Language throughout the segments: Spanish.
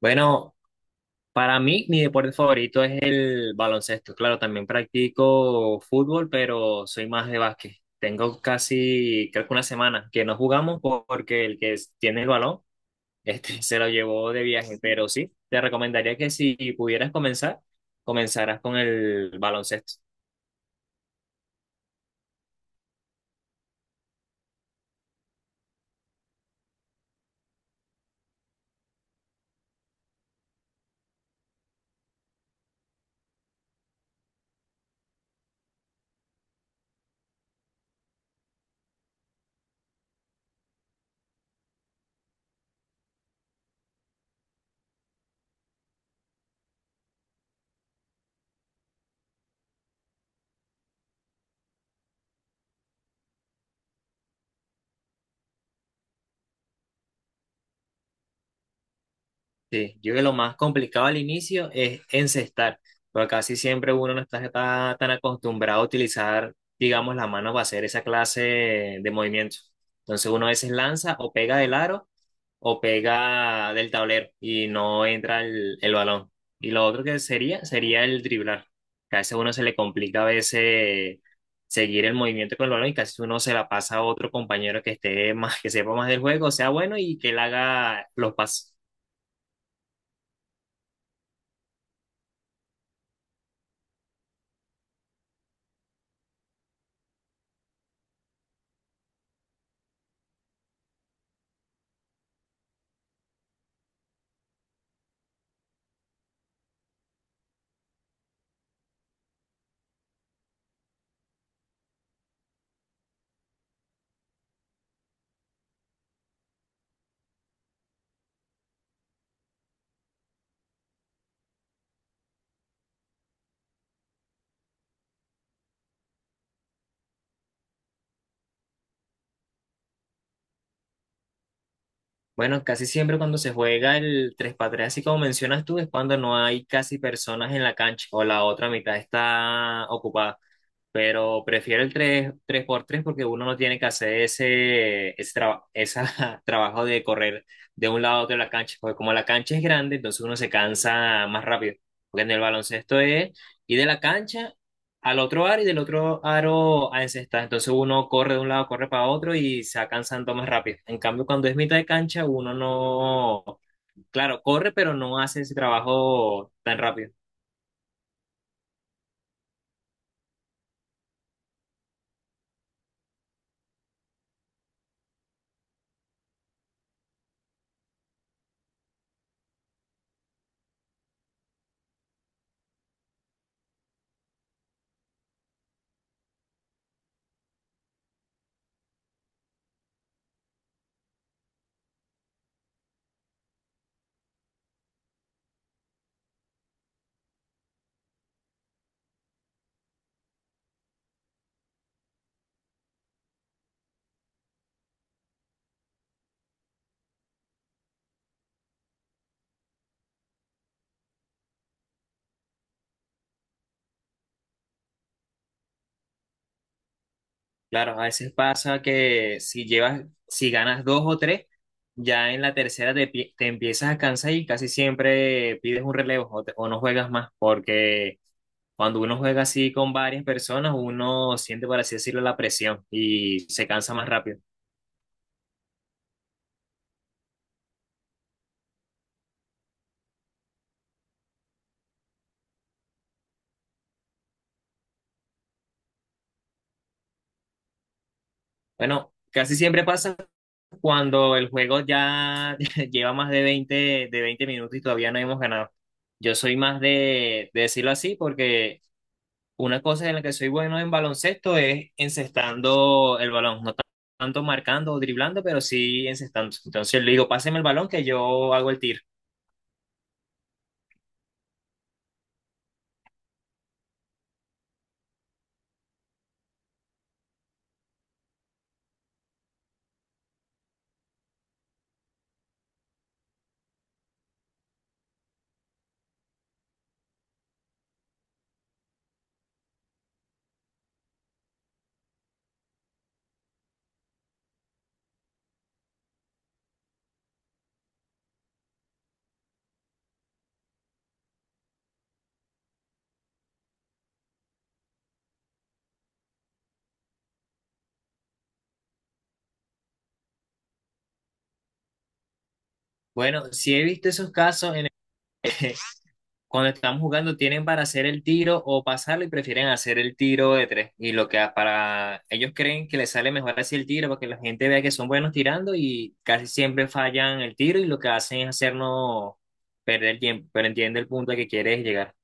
Bueno, para mí mi deporte favorito es el baloncesto. Claro, también practico fútbol, pero soy más de básquet. Tengo casi, creo que una semana que no jugamos porque tiene el balón, se lo llevó de viaje. Pero sí, te recomendaría que si pudieras comenzar, comenzaras con el baloncesto. Sí, yo creo que lo más complicado al inicio es encestar, porque casi siempre uno no está, está tan acostumbrado a utilizar, digamos, la mano para hacer esa clase de movimientos. Entonces uno a veces lanza o pega del aro o pega del tablero y no entra el balón. Y lo otro que sería, sería el driblar. Que a veces uno se le complica a veces seguir el movimiento con el balón y casi uno se la pasa a otro compañero que esté más, que sepa más del juego, sea bueno y que él haga los pases. Bueno, casi siempre cuando se juega el tres x 3 así como mencionas tú, es cuando no hay casi personas en la cancha o la otra mitad está ocupada. Pero prefiero el tres por 3 porque uno no tiene que hacer esa trabajo de correr de un lado a otro de la cancha. Porque como la cancha es grande, entonces uno se cansa más rápido. Porque en el baloncesto es ir de la cancha al otro aro y del otro aro a encestar. Entonces uno corre de un lado, corre para otro y se va cansando más rápido. En cambio, cuando es mitad de cancha, uno no, claro, corre, pero no hace ese trabajo tan rápido. Claro, a veces pasa que si llevas, si ganas dos o tres, ya en la tercera te empiezas a cansar y casi siempre pides un relevo o no juegas más, porque cuando uno juega así con varias personas, uno siente, por así decirlo, la presión y se cansa más rápido. Bueno, casi siempre pasa cuando el juego ya lleva más de 20 minutos y todavía no hemos ganado. Yo soy más de decirlo así porque una cosa en la que soy bueno en baloncesto es encestando el balón, no tan- tanto marcando o driblando, pero sí encestando. Entonces le digo, páseme el balón que yo hago el tiro. Bueno, sí he visto esos casos en el que cuando estamos jugando tienen para hacer el tiro o pasarlo y prefieren hacer el tiro de tres. Y lo que para ellos creen que les sale mejor así el tiro, porque la gente vea que son buenos tirando y casi siempre fallan el tiro y lo que hacen es hacernos perder tiempo, pero entiende el punto al que quieres llegar.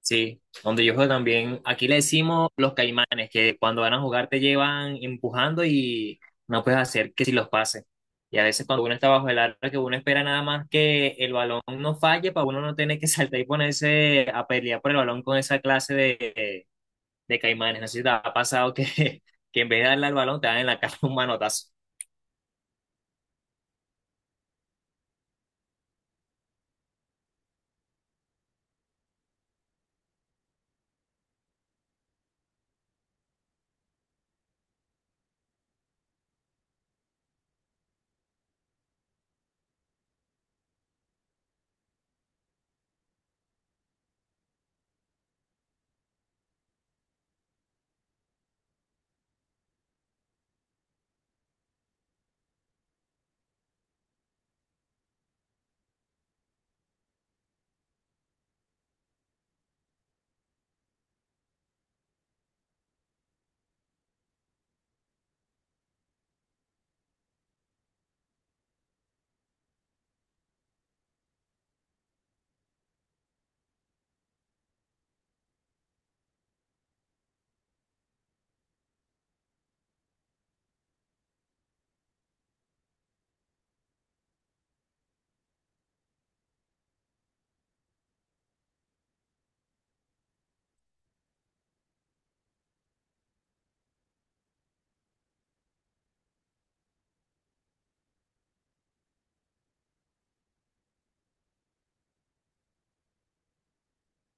Sí, donde yo juego también, aquí le decimos los caimanes, que cuando van a jugar te llevan empujando y no puedes hacer que si los pases. Y a veces cuando uno está bajo el arco, que uno espera nada más que el balón no falle para uno no tener que saltar y ponerse a pelear por el balón con esa clase de caimanes. No sé si te ha pasado que, que en vez de darle al balón te dan en la cara un manotazo.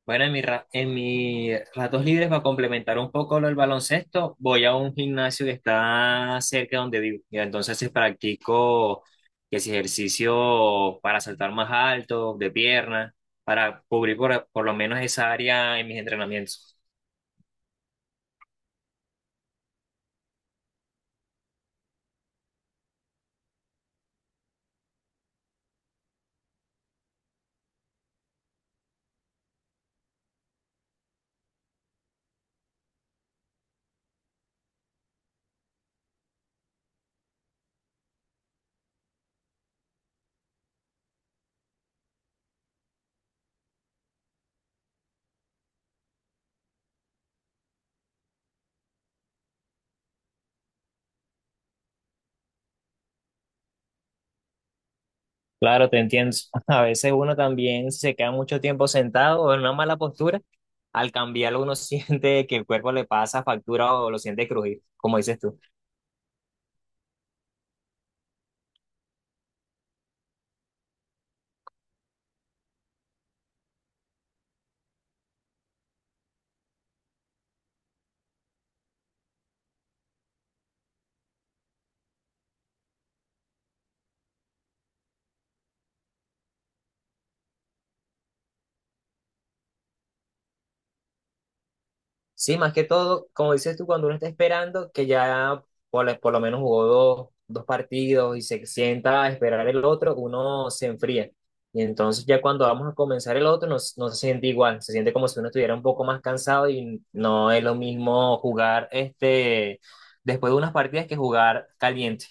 Bueno, en en mis ratos libres, para complementar un poco lo del baloncesto, voy a un gimnasio que está cerca de donde vivo. Y entonces sí, practico que es ejercicio para saltar más alto, de pierna, para cubrir por lo menos esa área en mis entrenamientos. Claro, te entiendo. A veces uno también se queda mucho tiempo sentado o en una mala postura. Al cambiarlo uno siente que el cuerpo le pasa factura o lo siente crujir, como dices tú. Sí, más que todo, como dices tú, cuando uno está esperando, que ya por lo menos jugó dos, dos partidos y se sienta a esperar el otro, uno se enfría. Y entonces ya cuando vamos a comenzar el otro, no, no se siente igual, se siente como si uno estuviera un poco más cansado y no es lo mismo jugar este, después de unas partidas que jugar caliente.